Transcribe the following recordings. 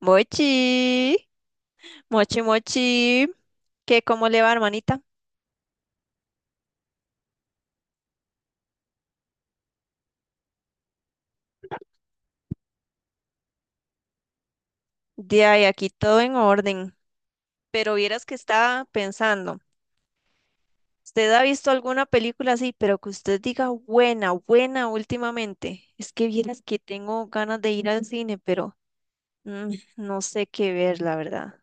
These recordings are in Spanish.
Mochi, mochi, mochi, ¿qué cómo le va, hermanita? De ahí aquí todo en orden. Pero vieras que estaba pensando, ¿usted ha visto alguna película así, pero que usted diga buena, buena últimamente? Es que vieras que tengo ganas de ir al cine, pero no sé qué ver, la verdad.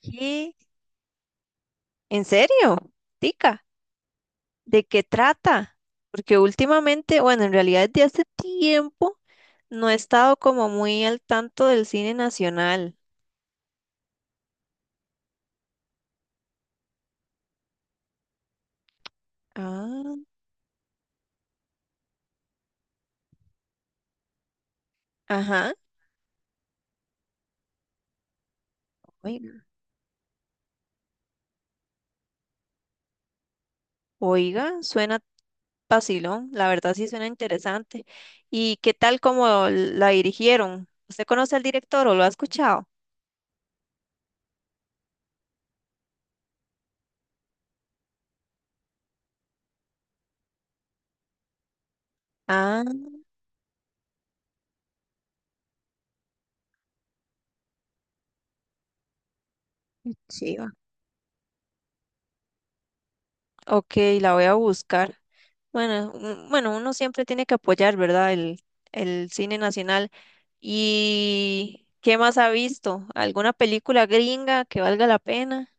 ¿Qué? ¿En serio? Tica, ¿de qué trata? Porque últimamente, bueno, en realidad desde hace tiempo no he estado como muy al tanto del cine nacional. Ah, ajá. Oiga. Oiga, suena vacilón, la verdad sí suena interesante. ¿Y qué tal como la dirigieron? ¿Usted conoce al director o lo ha escuchado? Ah, chiva. Ok, la voy a buscar. Bueno, bueno, uno siempre tiene que apoyar, ¿verdad? El cine nacional. ¿Y qué más ha visto? ¿Alguna película gringa que valga la pena?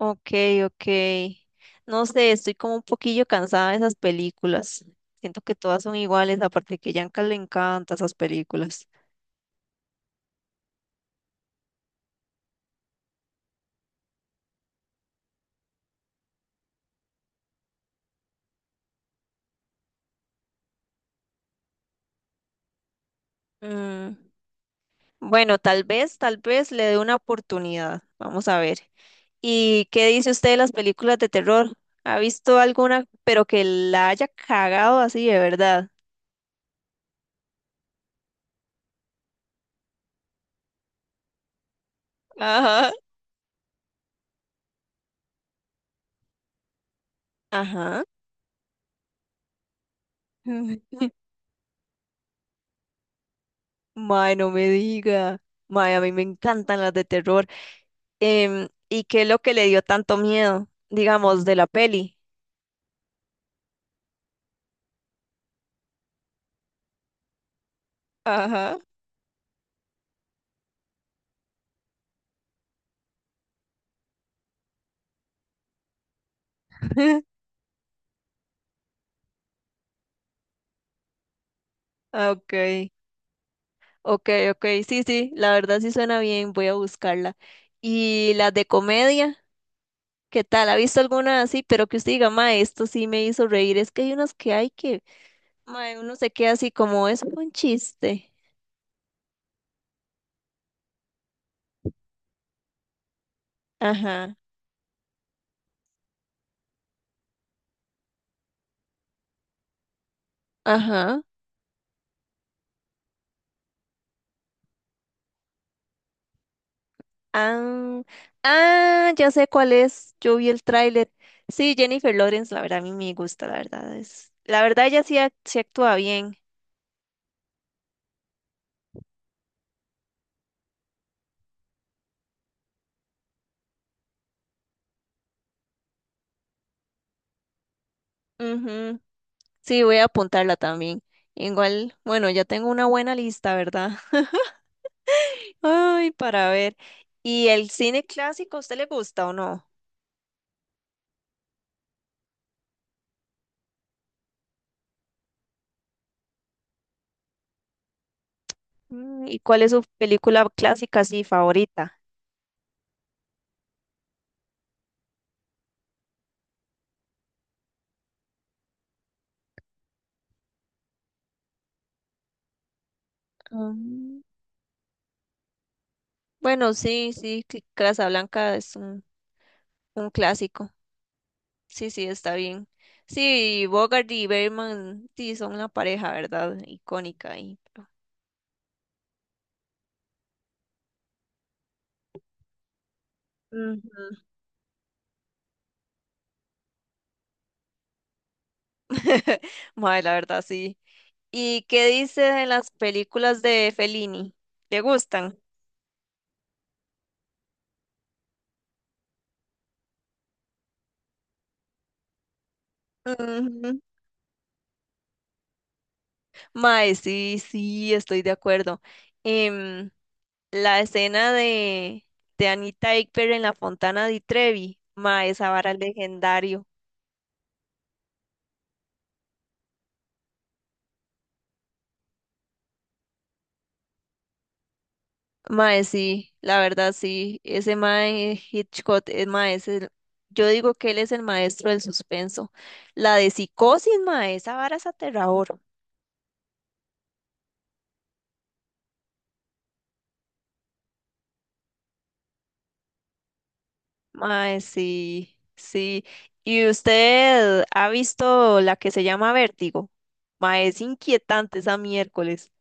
Ok, ok. No sé, estoy como un poquillo cansada de esas películas. Siento que todas son iguales, aparte que a Yanka le encantan esas películas. Mm, Bueno, tal vez le dé una oportunidad. Vamos a ver. ¿Y qué dice usted de las películas de terror? ¿Ha visto alguna, pero que la haya cagado así de verdad? Ajá. Ajá. Mae, no me diga. Mae, a mí me encantan las de terror. ¿Y qué es lo que le dio tanto miedo, digamos, de la peli? Ajá. Ah, ok, ok, ok, sí, sí, la verdad sí suena bien, voy a buscarla. ¿Y las de comedia? ¿Qué tal? ¿Ha visto alguna así? Pero que usted diga, ma, esto sí me hizo reír. Es que hay unos que hay que, ma, uno se queda así como, es un chiste. Ajá, ajá. Ah, ah, ya sé cuál es. Yo vi el tráiler. Sí, Jennifer Lawrence, la verdad, a mí me gusta, la verdad. Es, la verdad, ella sí, sí actúa bien. Ujú. Sí, voy a apuntarla también. Igual, bueno, ya tengo una buena lista, ¿verdad? Ay, para ver. ¿Y el cine clásico, a usted le gusta o no? ¿Y cuál es su película clásica, sí, favorita? Mm, bueno, sí, sí, Casablanca es un clásico. Sí, sí, está bien. Sí, Bogart y Bergman, sí, son una pareja, ¿verdad? Icónica y... Ujú. Mae, la verdad, sí. ¿Y qué dice de las películas de Fellini? ¿Te gustan? Ujú. Mae, sí, sí, estoy de acuerdo. Em, la escena de, Anita Ekberg en la Fontana di Trevi, mae, esa vara legendario. Mae, sí, la verdad sí, ese Mae Hitchcock, es mae, yo digo que él es el maestro del suspenso. La de psicosis, mae, esa vara es aterrador. Mae, sí, sí. ¿Y usted ha visto la que se llama Vértigo? Mae, es inquietante esa miércoles.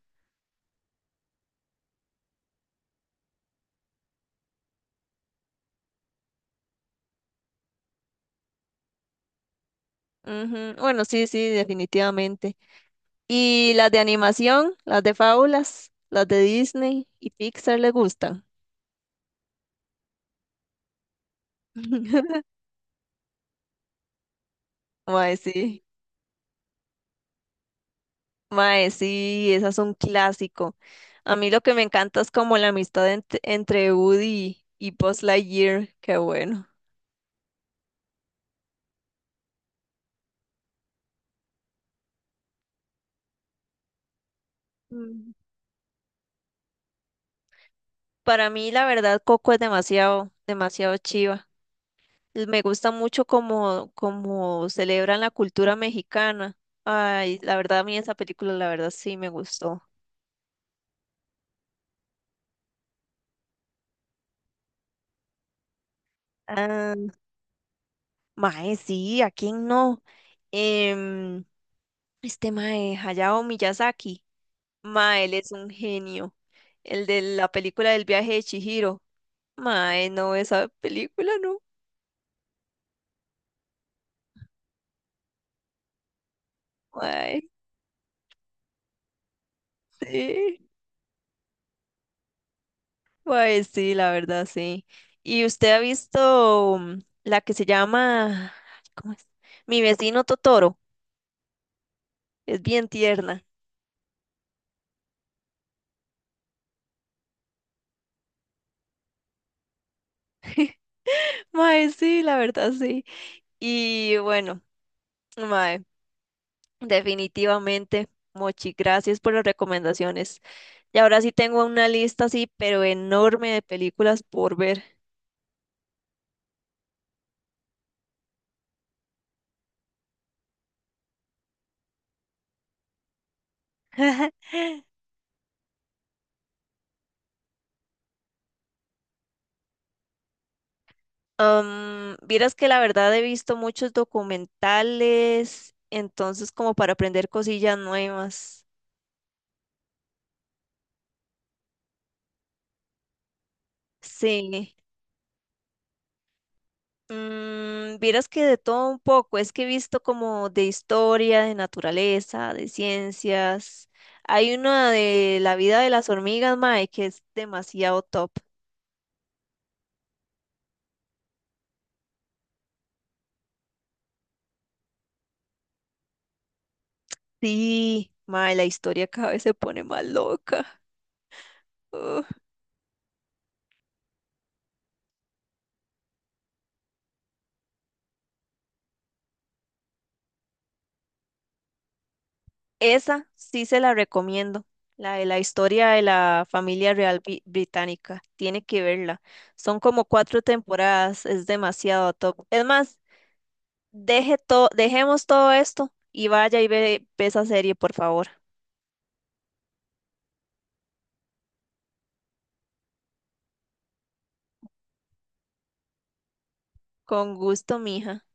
Ujú. Bueno, sí, sí, definitivamente. ¿Y las de animación, las de fábulas, las de Disney y Pixar le gustan? Mae, sí. Mae, sí, esas son clásico. A mí lo que me encanta es como la amistad entre Woody y Buzz Lightyear, qué bueno. Mm. Para mí, la verdad, Coco es demasiado, demasiado chiva. Me gusta mucho como celebran la cultura mexicana. Ay, la verdad, a mí esa película, la verdad, sí me gustó. Ah, mae, sí, ¿a quién no? Em, este mae, Hayao Miyazaki. Mae, él es un genio. El de la película del viaje de Chihiro. Mae, no, esa película no. Mae, sí. Mae, sí, la verdad, sí. ¿Y usted ha visto la que se llama, ay, ¿cómo es? Mi vecino Totoro. Es bien tierna. Mae, sí, la verdad, sí. Y bueno, mae, definitivamente, Mochi, gracias por las recomendaciones. Y ahora sí tengo una lista así, pero enorme de películas por ver. Vieras que la verdad he visto muchos documentales, entonces como para aprender cosillas nuevas. Sí. Vieras que de todo un poco, es que he visto como de historia, de naturaleza, de ciencias. Hay una de la vida de las hormigas, mae, que es demasiado top. Sí, mae, la historia cada vez se pone más loca. Esa sí se la recomiendo, la de la historia de la familia real británica. Tiene que verla. Son como cuatro temporadas, es demasiado top. Es más, deje dejemos todo esto y vaya y ve, ve esa serie, por favor. Con gusto, mija.